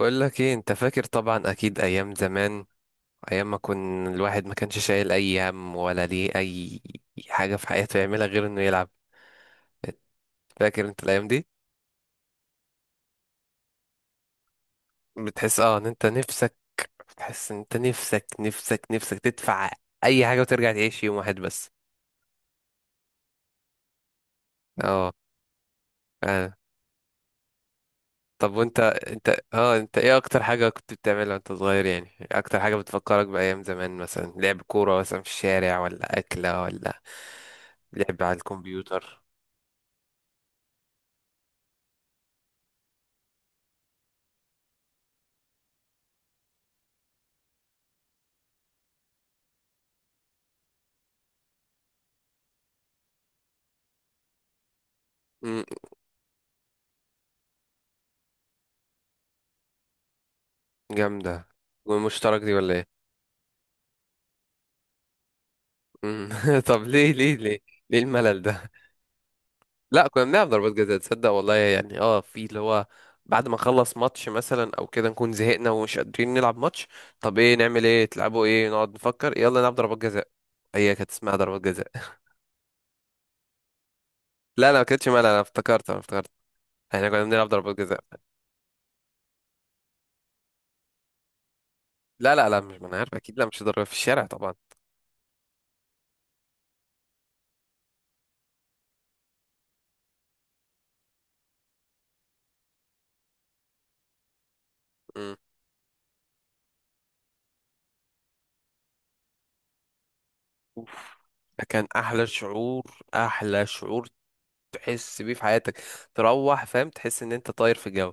بقول لك ايه؟ انت فاكر طبعا، اكيد ايام زمان، ايام ما كان الواحد ما كانش شايل اي هم ولا ليه اي حاجه في حياته يعملها غير انه يلعب. فاكر انت الايام دي؟ بتحس ان انت نفسك، بتحس ان انت نفسك نفسك نفسك تدفع اي حاجه وترجع تعيش يوم واحد بس. اه. آه. طب وانت انت اه انت ايه اكتر حاجه كنت بتعملها وانت صغير؟ يعني اكتر حاجه بتفكرك بايام زمان، مثلا لعب كوره مثلا في الشارع، ولا اكله، ولا لعب على الكمبيوتر. جامدة. والمشترك دي ولا ايه؟ مم. طب ليه ليه ليه؟ ليه الملل ده؟ لا كنا بنلعب ضربات جزاء، تصدق والله، يعني اه في اللي هو بعد ما نخلص ماتش مثلا او كده نكون زهقنا ومش قادرين نلعب ماتش، طب ايه نعمل ايه تلعبوا ايه، نقعد نفكر يلا نلعب ضربات جزاء. هي كانت اسمها ضربات جزاء. لا لا ما كانتش ملل، انا افتكرت احنا كنا بنلعب ضربات جزاء. لا لا لا مش، ما انا عارف اكيد، لا مش ضربة في الشارع طبعا. مم. أوف، ده كان احلى شعور، احلى شعور تحس بيه في حياتك، تروح فاهم تحس ان انت طاير في الجو.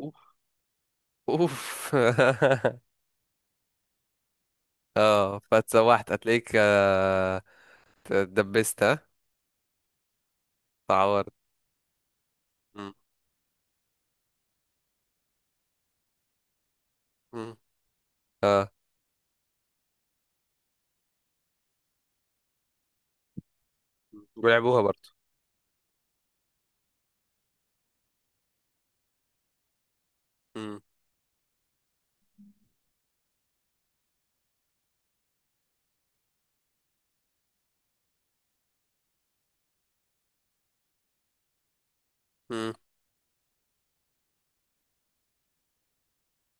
اوف اوف. اه فاتسوحت هتلاقيك اتدبست ها اتعورت. مم. مم. ولعبوها برضه. مم. مم.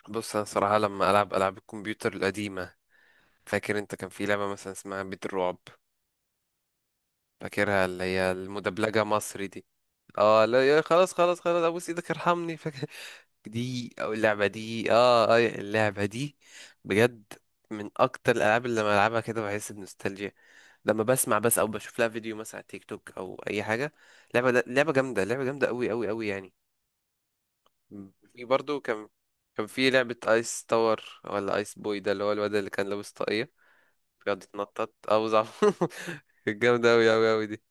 بص انا صراحة لما العب العاب الكمبيوتر القديمة، فاكر انت كان في لعبة مثلا اسمها بيت الرعب؟ فاكرها اللي هي المدبلجة مصري دي؟ اه لا يا خلاص خلاص خلاص ابوس ايدك ارحمني، فاكر دي، او اللعبه دي، اللعبه دي بجد من اكتر الالعاب اللي لما العبها كده بحس بنوستالجيا، لما بسمع بس او بشوف لها فيديو مثلا على تيك توك او اي حاجه. لعبه جامده، لعبه جامده قوي قوي قوي يعني. في برضو كان في لعبه ايس تاور ولا ايس بوي، ده اللي هو الواد اللي كان لابس طاقيه بيقعد يتنطط، ابو زعبوط. كانت جامده قوي قوي قوي دي.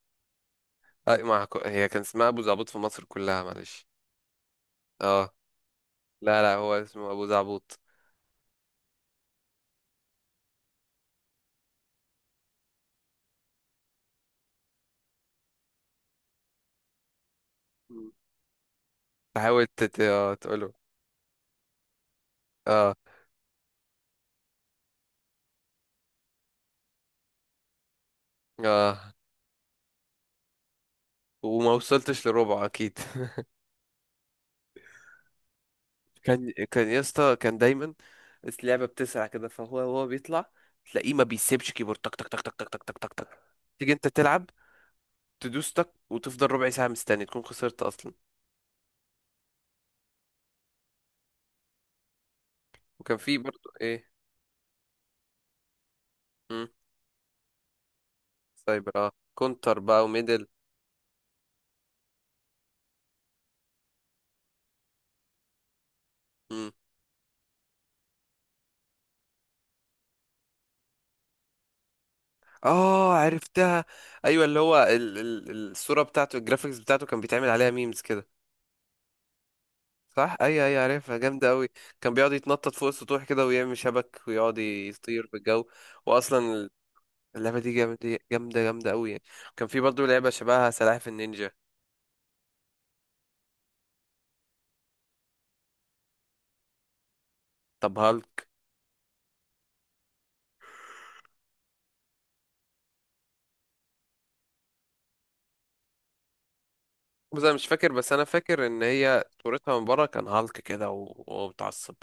اي مع، هي كان اسمها ابو زعبوط في مصر كلها معلش. اه لا لا هو اسمه ابو زعبوط. تحاول تت... آه، تقوله. اه اه. وما وصلتش لربعه اكيد. كان يا اسطى كان دايما، اللعبه بتسرع كده، فهو بيطلع، تلاقيه ما بيسيبش كيبورد، تك تك تك تك تك تك تك تك تك، تيجي انت تلعب، تدوس تك وتفضل ربع ساعه مستني تكون خسرت اصلا. وكان في برضو ايه؟ مم. سايبر، كونتر بقى وميدل. مم. اه عرفتها. ايوه اللي هو الصوره بتاعته، الجرافيكس بتاعته كان بيتعمل عليها ميمز كده. صح، اي عارفها، جامده قوي. كان بيقعد يتنطط فوق السطوح كده ويعمل شبك ويقعد يطير في الجو. واصلا اللعبه دي جامده جامده جامده قوي يعني. كان في برضه لعبه شبهها سلاحف النينجا. طب هالك، بس انا مش فاكر، بس انا فاكر ان هي صورتها من بره كان هالك كده وهو متعصب،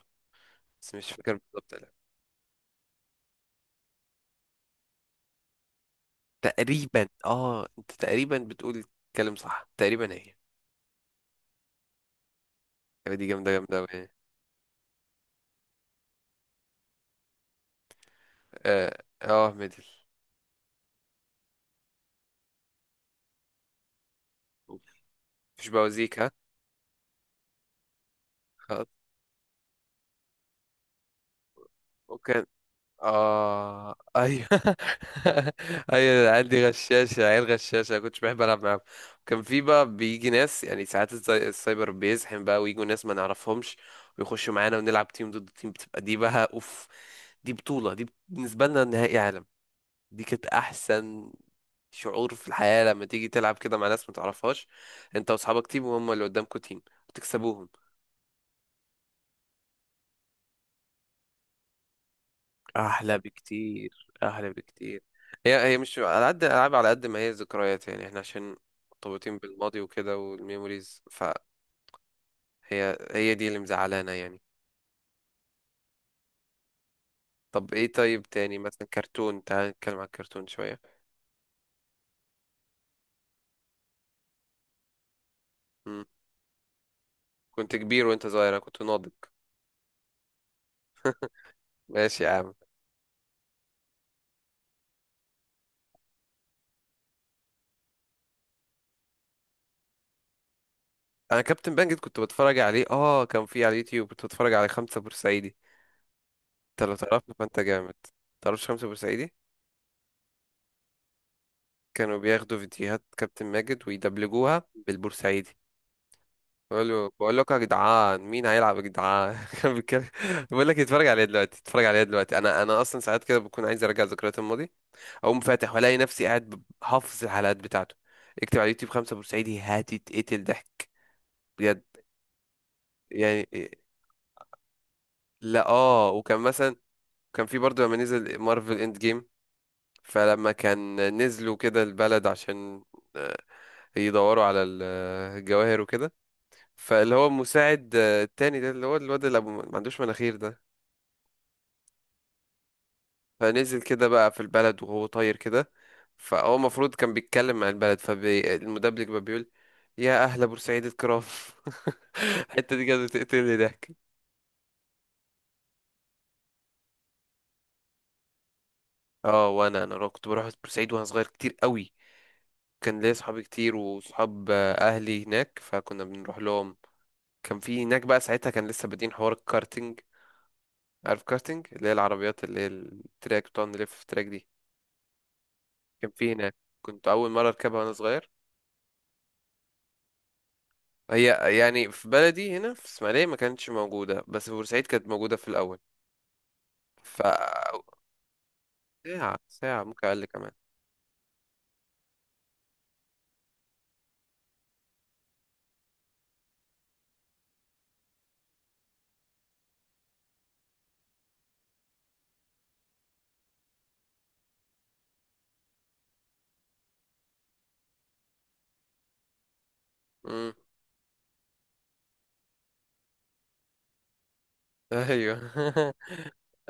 بس مش فاكر بالظبط لا. تقريبا، اه، انت تقريبا بتقول الكلام صح، تقريبا هي. اللعبه دي جامده جامده قوي يعني. ميدل. مش بوازيك ها؟ خلاص. وكان اه ايوه. ايوه العيال دي غشاشة، عيال غشاشة، أنا كنتش بحب العب معاهم. كان في بقى بيجي ناس يعني ساعات السايبر بيزحم بقى، ويجوا ناس ما نعرفهمش ويخشوا معانا ونلعب تيم ضد تيم، بتبقى دي بقى اوف، دي بطولة، دي بالنسبة لنا نهائي عالم، دي كانت احسن شعور في الحياة، لما تيجي تلعب كده مع ناس ما تعرفهاش، انت واصحابك تيم وهم اللي قدامكوا تيم وتكسبوهم. احلى بكتير احلى بكتير. هي مش على قد العاب، على قد ما هي ذكريات، يعني احنا عشان مرتبطين بالماضي وكده والميموريز، فهي هي دي اللي مزعلانا يعني. طب ايه، طيب تاني مثلا كرتون، تعال نتكلم عن الكرتون شوية. مم. كنت كبير وانت صغير، أنا كنت ناضج. ماشي يا عم. انا كابتن بانجت كنت بتفرج عليه، كان في على اليوتيوب كنت بتفرج على خمسة بورسعيدي. انت لو تعرفنا فانت جامد. تعرفش خمسة بورسعيدي؟ كانوا بياخدوا فيديوهات كابتن ماجد ويدبلجوها بالبورسعيدي. بقول لكم يا جدعان مين هيلعب يا جدعان. كان بيتكلم. بقول لك اتفرج عليها دلوقتي، اتفرج عليها دلوقتي، انا اصلا ساعات كده بكون عايز ارجع ذكريات الماضي، اقوم فاتح والاقي نفسي قاعد حافظ الحلقات بتاعته. اكتب على اليوتيوب خمسة بورسعيدي هتتقتل ضحك، بجد. يعني إيه، لا اه وكان مثلا كان في برضه لما نزل مارفل اند جيم، فلما كان نزلوا كده البلد، عشان آه، يدوروا على الجواهر وكده، فاللي هو مساعد التاني ده اللي هو الواد اللي ما عندوش مناخير ده، فنزل كده بقى في البلد وهو طاير كده، فهو المفروض كان بيتكلم مع البلد، فالمدبلج بقى بيقول يا أهل بورسعيد الكرام. الحتة دي كانت بتقتلني ضحك. اه وانا كنت بروح بورسعيد وانا صغير كتير قوي، كان ليا صحابي كتير وصحاب اهلي هناك فكنا بنروح لهم. كان في هناك بقى ساعتها، كان لسه بادئين حوار الكارتينج. عارف كارتينج اللي هي العربيات اللي هي التراك بتقعد نلف في التراك دي؟ كان في هناك، كنت اول مره اركبها وانا صغير. هي يعني في بلدي هنا في اسماعيلية ما كانتش موجودة، بس في بورسعيد كانت موجودة في الأول. ف ساعة ساعة ممكن أقل كمان. مم. أيوه.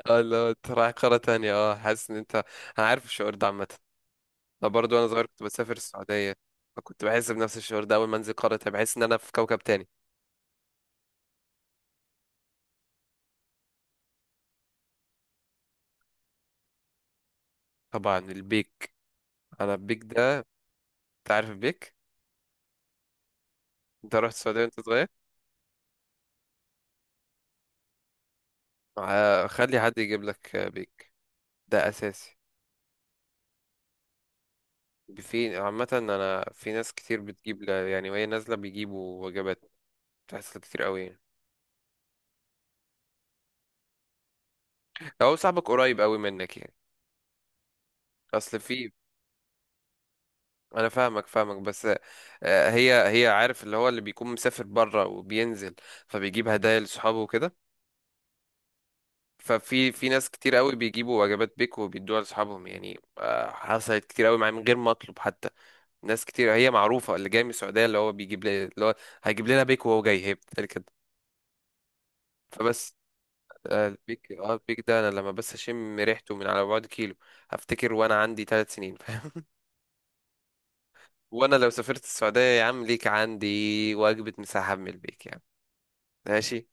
اه لو أنت رايح قارة تانية، اه حاسس إن أنت، أنا عارف الشعور ده. عامة أنا برضه وأنا صغير كنت بسافر السعودية، فكنت بحس بنفس الشعور ده، أول ما أنزل قارة تانية بحس إن أنا في كوكب تاني. طبعا البيك، أنا البيك ده. أنت عارف البيك؟ أنت رحت السعودية وأنت صغير؟ خلي حد يجيب لك بيك. ده أساسي. في عامة أنا في ناس كتير بتجيب يعني وهي نازلة بيجيبوا وجبات، تحصل كتير أوي يعني. لو هو صاحبك قريب أوي منك يعني. أصل في. أنا فاهمك فاهمك بس هي عارف اللي هو اللي بيكون مسافر برا وبينزل فبيجيب هدايا لصحابه وكده، ففي ناس كتير أوي بيجيبوا وجبات بيك وبيدوها لصحابهم، يعني حصلت كتير أوي معايا من غير ما أطلب حتى. ناس كتير هي معروفة اللي جاي من السعودية، اللي هو بيجيب لي اللي هو هيجيب لنا بيك وهو جاي، هي بتتقال كده. فبس البيك، البيك ده انا لما بس اشم ريحته من على بعد كيلو هفتكر وانا عندي 3 سنين فاهم. وانا لو سافرت السعودية يا عم ليك عندي وجبة مساحة من البيك يا عم. ماشي.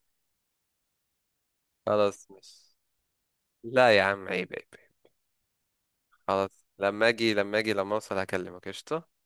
خلاص ماشي. لا يا عم، عيب عيب عيب. خلاص لما اجي، لما اجي، لما اوصل هكلمك قشطة